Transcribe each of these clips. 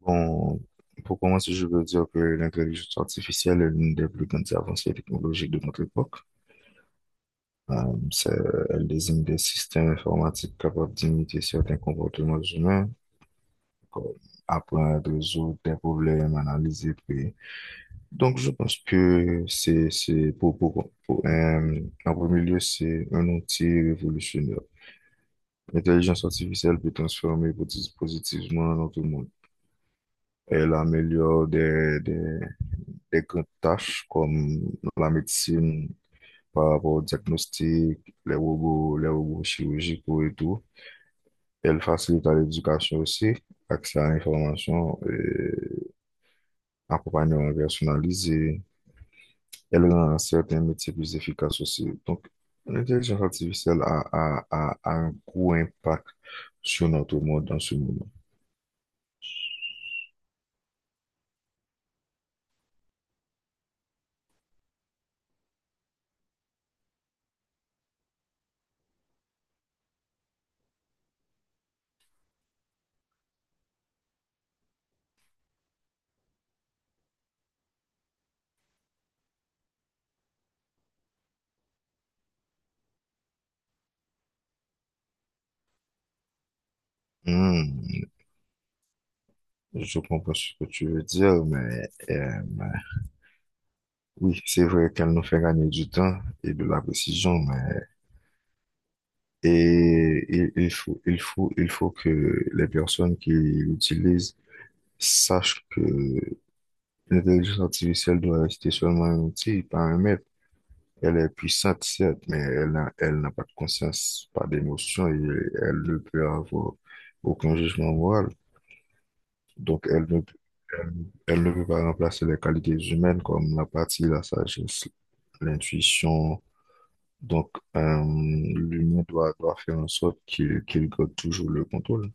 Bon, pour commencer, je veux dire que l'intelligence artificielle est l'une des plus grandes avancées technologiques de notre époque. Euh, c'est- elle désigne des systèmes informatiques capables d'imiter certains comportements humains, comme apprendre, résoudre des problèmes, analyser, puis... Donc, je pense que c'est pour, en premier lieu, c'est un outil révolutionnaire. L'intelligence artificielle peut transformer positivement notre monde. Elle améliore des les grandes tâches comme la médecine par rapport au diagnostic, les robots chirurgicaux et tout. Elle facilite à l'éducation aussi, accès à l'information et accompagnement personnalisé. Elle rend certains métiers plus efficaces aussi. Donc, l'intelligence artificielle a un gros impact sur notre monde dans ce moment. Hmm, je comprends ce que tu veux dire, mais oui, c'est vrai qu'elle nous fait gagner du temps et de la précision, mais. Et il faut que les personnes qui l'utilisent sachent que l'intelligence artificielle doit rester seulement un outil, pas un maître. Elle est puissante, certes, mais elle n'a pas de conscience, pas d'émotion, et elle ne peut avoir aucun jugement moral. Donc, elle, elle ne peut pas remplacer les qualités humaines comme l'apathie, la sagesse, l'intuition. Donc, l'humain doit faire en sorte qu'il garde toujours le contrôle.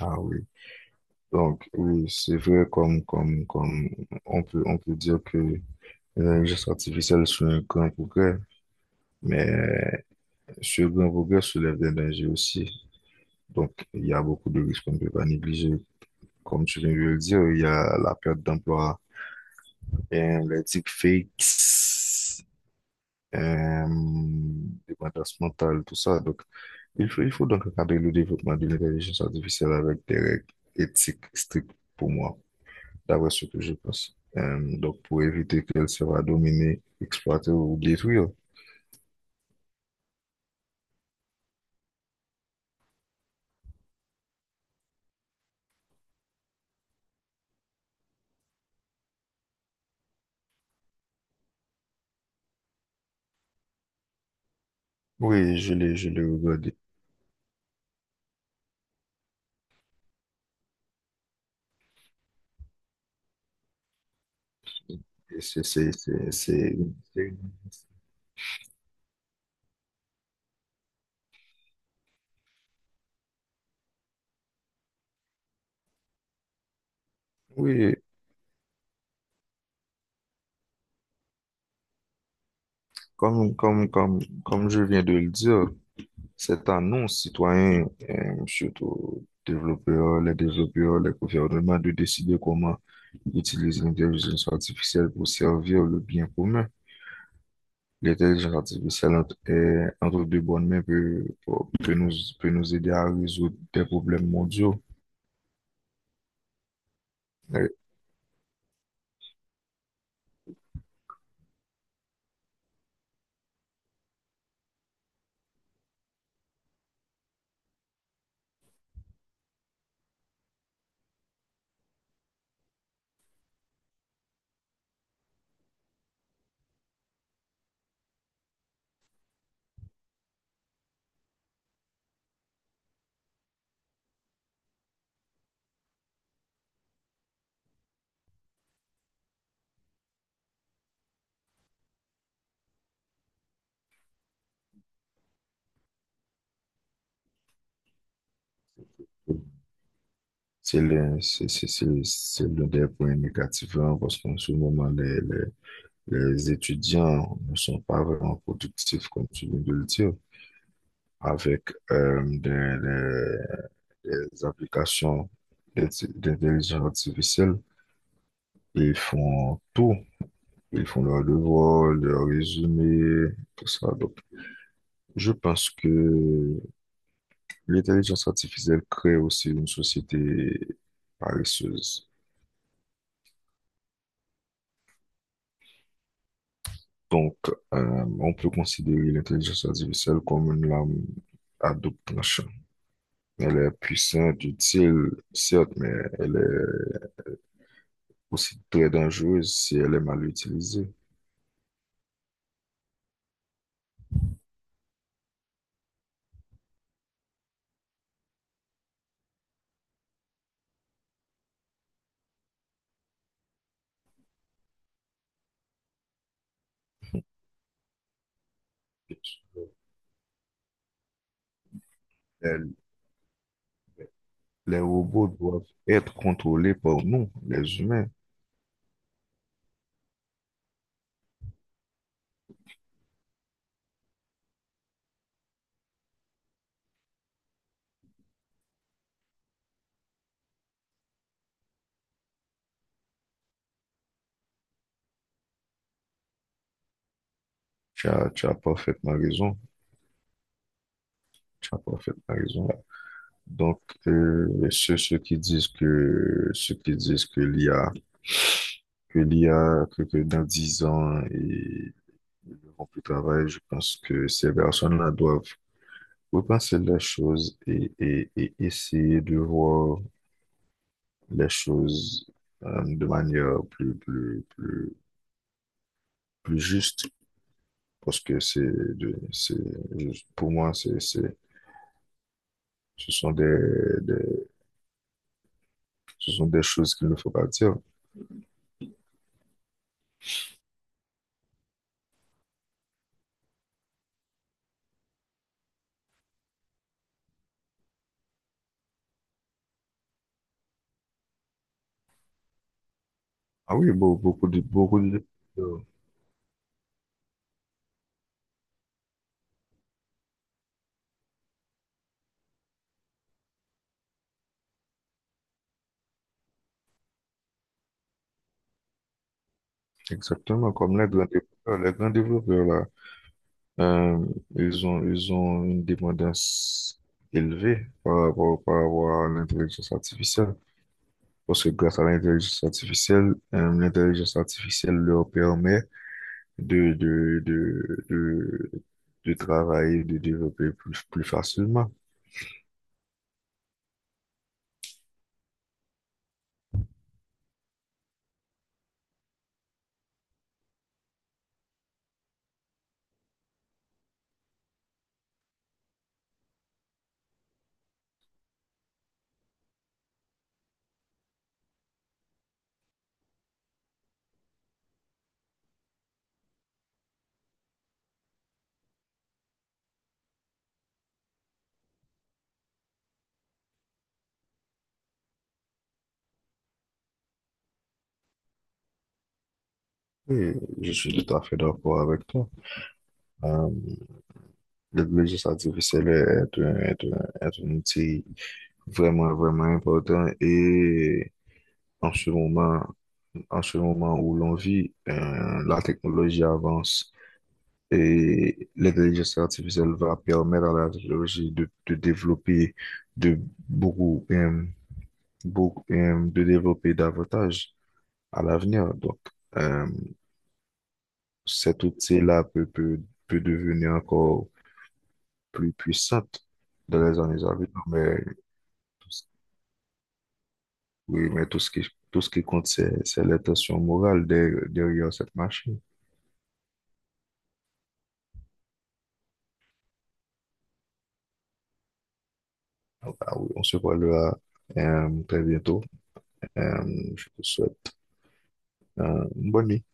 Ah oui, donc oui, c'est vrai, comme on peut dire que l'intelligence artificielle c'est un grand progrès, mais ce grand progrès soulève des dangers aussi. Donc il y a beaucoup de risques qu'on ne peut pas négliger. Comme tu viens de le dire, il y a la perte d'emploi, les deepfakes, euh, dépendance mentale, tout ça. Donc il faut donc encadrer le développement de l'intelligence artificielle avec des règles éthiques strictes, pour moi, d'après ce que je pense. Donc, pour éviter qu'elle soit dominée, exploitée ou détruite. Oui, je l'ai regardé. Et C'est, c'est, c'est, c'est- c'est- une- Oui, comme, comme, comme, comme je viens de le dire, cette annonce citoyen, surtout les développeurs, les gouvernements, de décider comment utiliser l'intelligence artificielle pour servir le bien commun. L'intelligence artificielle est entre deux bonnes mains, peut nous, peut nous aider à résoudre des problèmes mondiaux. Et c'est l'un des points négatifs, hein, parce qu'en ce moment, les étudiants ne sont pas vraiment productifs, comme tu viens de le dire, avec euh, des, des- des applications d'intelligence artificielle. Ils font tout. Ils font leurs devoirs, leurs résumés, tout ça. Je pense que l'intelligence artificielle crée aussi une société paresseuse. Donc, on peut considérer l'intelligence artificielle comme une lame à double tranchant. Elle est puissante, utile, certes, mais elle est aussi très dangereuse si elle est mal utilisée. Elle- les robots doivent être contrôlés par nous, les humains. Tu as parfaitement raison. Tu as parfaitement raison. Donc, ceux, ceux qui disent que, ceux qui disent que l'I a que l'IA, que dans 10 ans, ils n'auront plus de travail. Je pense que ces personnes-là doivent repenser les choses, et essayer de voir les choses de manière plus juste. Parce que de- c'est, pour moi, c'est, ce sont des, ce sont des choses qu'il ne faut pas dire. Ah oui, beaucoup de. Exactement, comme les grands développeurs là, euh, ils ont une dépendance élevée par rapport à l'intelligence artificielle. Parce que grâce à l'intelligence artificielle leur permet de, de, de, de, de travailler, de développer plus facilement. Et je suis tout à fait d'accord avec toi. Euh, L'intelligence artificielle est un outil vraiment important. Et En ce moment, en ce moment où l'on vit, la technologie avance, et l'intelligence artificielle va permettre à la technologie de développer de beaucoup, euh, de développer davantage à l'avenir. Donc, euh, cet outil-là peut devenir encore plus puissante dans les années à venir, mais tout ce- oui, mais tout ce qui compte, c'est l'intention morale derrière cette machine. Ah oui, on se voit là, très bientôt. Euh, je te souhaite une bonne nuit.